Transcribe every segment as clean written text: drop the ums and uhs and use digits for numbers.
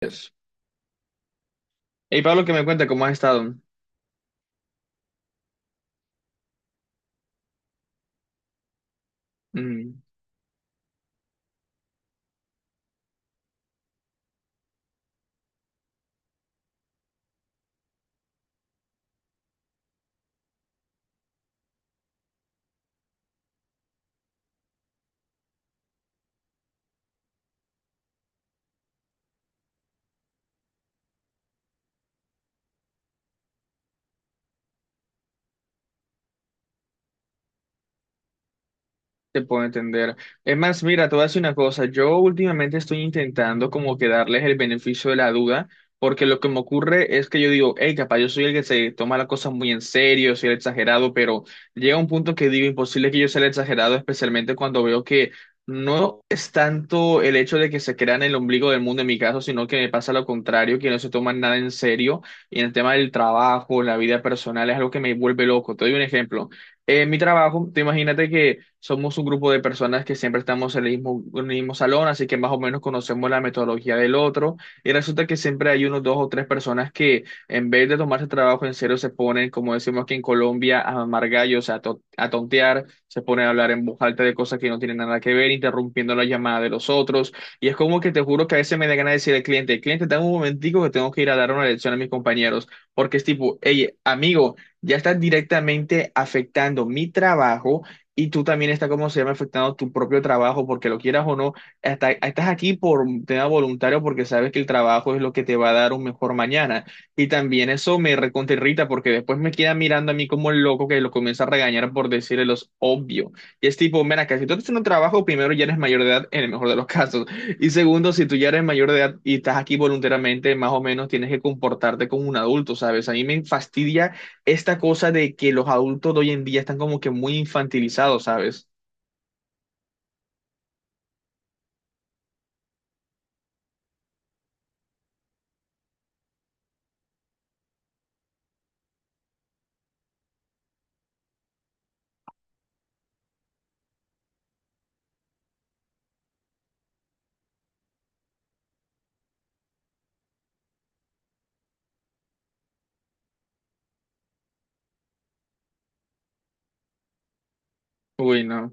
Dios. Hey Pablo, que me cuenta cómo has estado. Mm. Te puedo entender. Es más, mira, te voy a decir una cosa. Yo últimamente estoy intentando como que darles el beneficio de la duda, porque lo que me ocurre es que yo digo, hey, capaz yo soy el que se toma las cosas muy en serio, soy el exagerado, pero llega un punto que digo, imposible que yo sea el exagerado, especialmente cuando veo que no es tanto el hecho de que se crean el ombligo del mundo en mi caso, sino que me pasa lo contrario, que no se toman nada en serio. Y en el tema del trabajo, la vida personal, es algo que me vuelve loco. Te doy un ejemplo. En mi trabajo, tú imagínate que somos un grupo de personas que siempre estamos en el mismo salón, así que más o menos conocemos la metodología del otro, y resulta que siempre hay unos dos o tres personas que en vez de tomarse el trabajo en serio se ponen, como decimos aquí en Colombia, a mamar gallos, a tontear, se ponen a hablar en voz alta de cosas que no tienen nada que ver, interrumpiendo la llamada de los otros, y es como que te juro que a veces me da ganas de decir al cliente, cliente, dame un momentico que tengo que ir a dar una lección a mis compañeros, porque es tipo, hey, amigo, ya estás directamente afectando mi trabajo y tú también estás, ¿como se llama?, afectando tu propio trabajo, porque lo quieras o no, estás aquí por tema voluntario porque sabes que el trabajo es lo que te va a dar un mejor mañana. Y también eso me recontra irrita porque después me queda mirando a mí como el loco que lo comienza a regañar por decirle los obvio. Y es tipo, mira, que si tú estás en un trabajo, primero ya eres mayor de edad, en el mejor de los casos. Y segundo, si tú ya eres mayor de edad y estás aquí voluntariamente, más o menos tienes que comportarte como un adulto, ¿sabes? A mí me fastidia esta cosa de que los adultos de hoy en día están como que muy infantilizados, ¿sabes? Uy, no.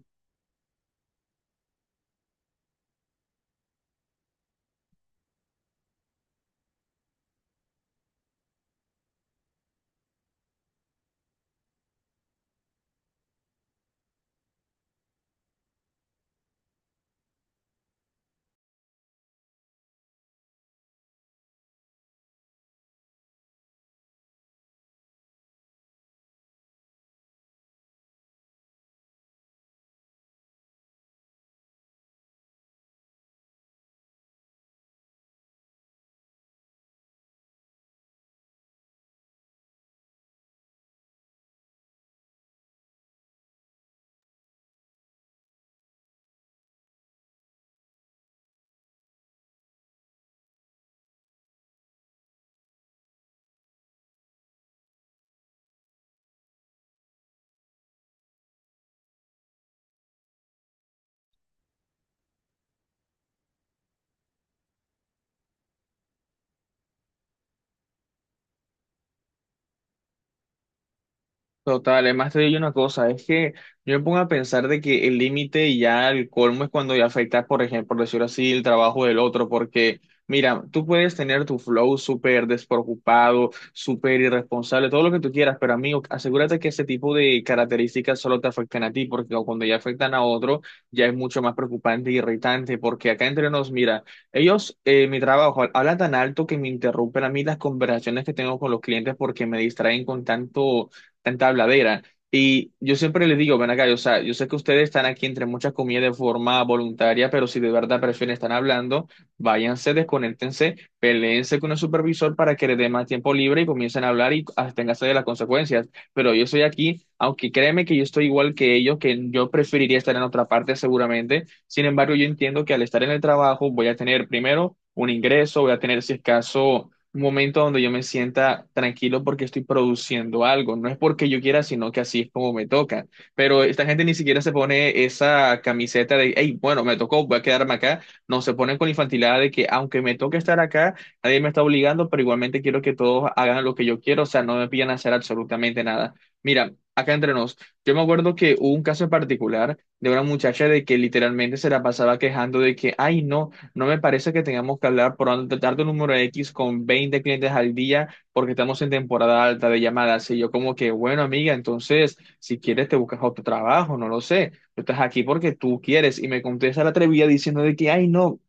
Total, además te digo una cosa, es que yo me pongo a pensar de que el límite y ya el colmo es cuando ya afecta, por ejemplo, por decirlo así, el trabajo del otro, porque mira, tú puedes tener tu flow súper despreocupado, súper irresponsable, todo lo que tú quieras, pero amigo, asegúrate que ese tipo de características solo te afecten a ti, porque cuando ya afectan a otro, ya es mucho más preocupante e irritante, porque acá entre nos, mira, ellos, mi trabajo, hablan tan alto que me interrumpen a mí las conversaciones que tengo con los clientes porque me distraen con tanto tanta habladera. Y yo siempre les digo, ven acá, o sea, yo sé que ustedes están aquí entre muchas comidas de forma voluntaria, pero si de verdad prefieren estar hablando, váyanse, desconéctense, peleense con el supervisor para que les dé más tiempo libre y comiencen a hablar y absténganse de las consecuencias. Pero yo estoy aquí, aunque créeme que yo estoy igual que ellos, que yo preferiría estar en otra parte seguramente. Sin embargo, yo entiendo que al estar en el trabajo voy a tener primero un ingreso, voy a tener si es caso un momento donde yo me sienta tranquilo porque estoy produciendo algo. No es porque yo quiera, sino que así es como me toca. Pero esta gente ni siquiera se pone esa camiseta de, hey, bueno, me tocó, voy a quedarme acá. No, se ponen con la infantilidad de que aunque me toque estar acá, nadie me está obligando, pero igualmente quiero que todos hagan lo que yo quiero. O sea, no me piden hacer absolutamente nada. Mira, acá entre nos, yo me acuerdo que hubo un caso en particular de una muchacha de que literalmente se la pasaba quejando de que, ay, no. No me parece que tengamos que hablar tratar de un número X con 20 clientes al día porque estamos en temporada alta de llamadas. Y yo como que, bueno, amiga, entonces, si quieres te buscas otro trabajo, no lo sé. Tú estás aquí porque tú quieres. Y me contesta la atrevida diciendo de que, ay, no,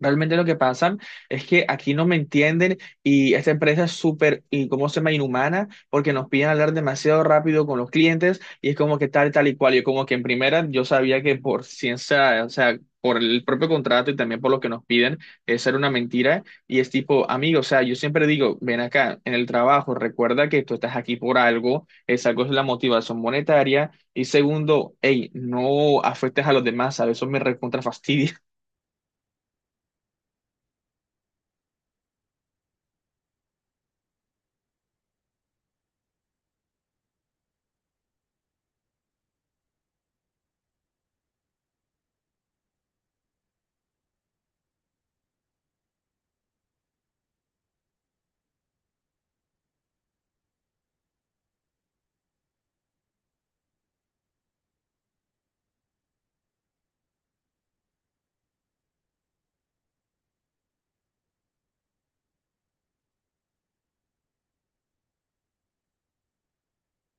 realmente lo que pasa es que aquí no me entienden y esta empresa es súper, y cómo se llama?, inhumana, porque nos piden hablar demasiado rápido con los clientes y es como que tal, tal y cual. Yo como que en primera yo sabía que por ciencia, o sea, por el propio contrato y también por lo que nos piden, es era una mentira. Y es tipo, amigo, o sea, yo siempre digo, ven acá en el trabajo, recuerda que tú estás aquí por algo, esa cosa es la motivación monetaria. Y segundo, hey, no afectes a los demás, ¿sabes? Eso me recontra fastidia.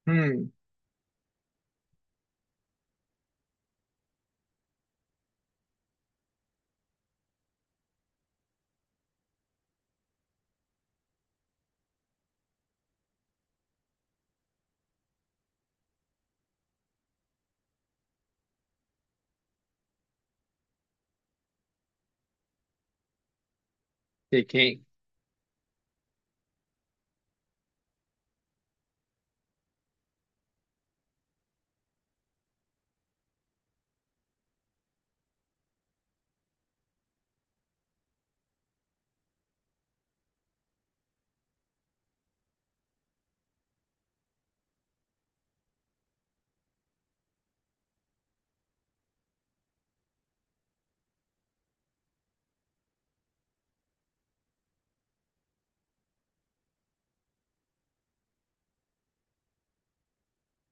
Hmm. ¿De qué?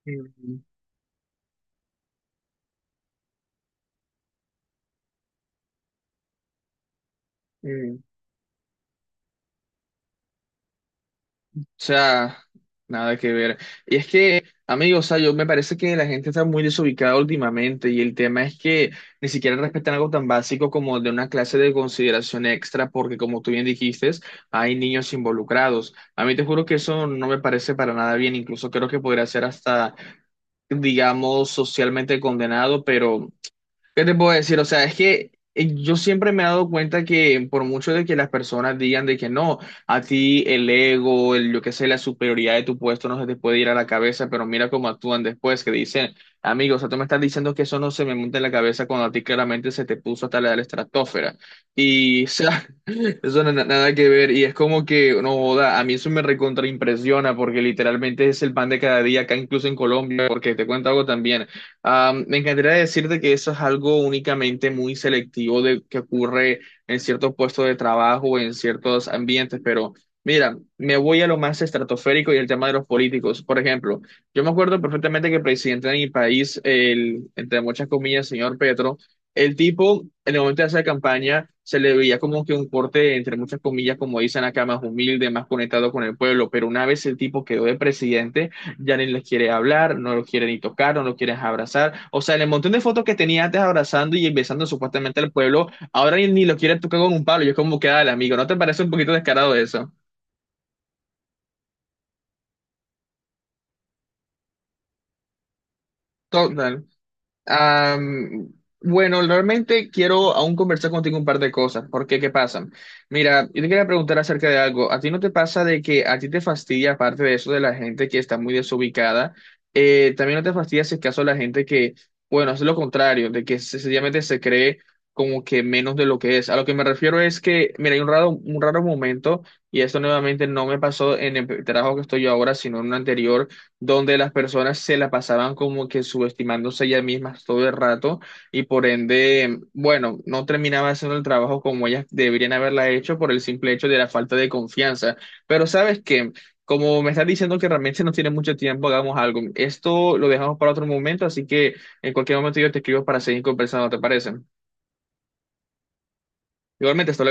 Mm, mm. O sea, nada que ver. Y es que, amigos, o sea, yo me parece que la gente está muy desubicada últimamente y el tema es que ni siquiera respetan algo tan básico como de una clase de consideración extra porque, como tú bien dijiste, hay niños involucrados. A mí te juro que eso no me parece para nada bien. Incluso creo que podría ser hasta, digamos, socialmente condenado, pero... ¿Qué te puedo decir? O sea, es que yo siempre me he dado cuenta que por mucho de que las personas digan de que no, a ti el ego, el, yo qué sé, la superioridad de tu puesto no se te puede ir a la cabeza, pero mira cómo actúan después, que dicen, amigo, o sea, tú me estás diciendo que eso no se me monta en la cabeza cuando a ti claramente se te puso hasta la estratosfera. Y, o sea, eso no, nada que ver. Y es como que, no joda, a mí eso me recontraimpresiona porque literalmente es el pan de cada día acá, incluso en Colombia, porque te cuento algo también. Me encantaría decirte que eso es algo únicamente muy selectivo de que ocurre en ciertos puestos de trabajo o en ciertos ambientes, pero mira, me voy a lo más estratosférico y el tema de los políticos. Por ejemplo, yo me acuerdo perfectamente que el presidente de mi país, el, entre muchas comillas, señor Petro, el tipo, en el momento de hacer campaña, se le veía como que un corte, entre muchas comillas, como dicen acá, más humilde, más conectado con el pueblo, pero una vez el tipo quedó de presidente, ya ni les quiere hablar, no los quiere ni tocar, no los quiere abrazar. O sea, el montón de fotos que tenía antes abrazando y besando supuestamente al pueblo, ahora ni lo quieren tocar con un palo. Yo es como queda el amigo. ¿No te parece un poquito descarado eso? Total. Am, bueno, realmente quiero aún conversar contigo un par de cosas, porque ¿qué pasan? Mira, yo te quería preguntar acerca de algo. ¿A ti no te pasa de que a ti te fastidia, aparte de eso de la gente que está muy desubicada, también no te fastidia si es caso la gente que, bueno, es lo contrario, de que sencillamente se cree como que menos de lo que es? A lo que me refiero es que, mira, hay un raro momento, y esto nuevamente no me pasó en el trabajo que estoy yo ahora, sino en un anterior donde las personas se la pasaban como que subestimándose ellas mismas todo el rato y por ende, bueno, no terminaban haciendo el trabajo como ellas deberían haberla hecho por el simple hecho de la falta de confianza. Pero sabes que, como me estás diciendo que realmente no tiene mucho tiempo, hagamos algo. Esto lo dejamos para otro momento, así que en cualquier momento yo te escribo para seguir conversando, ¿te parece? Igualmente, hasta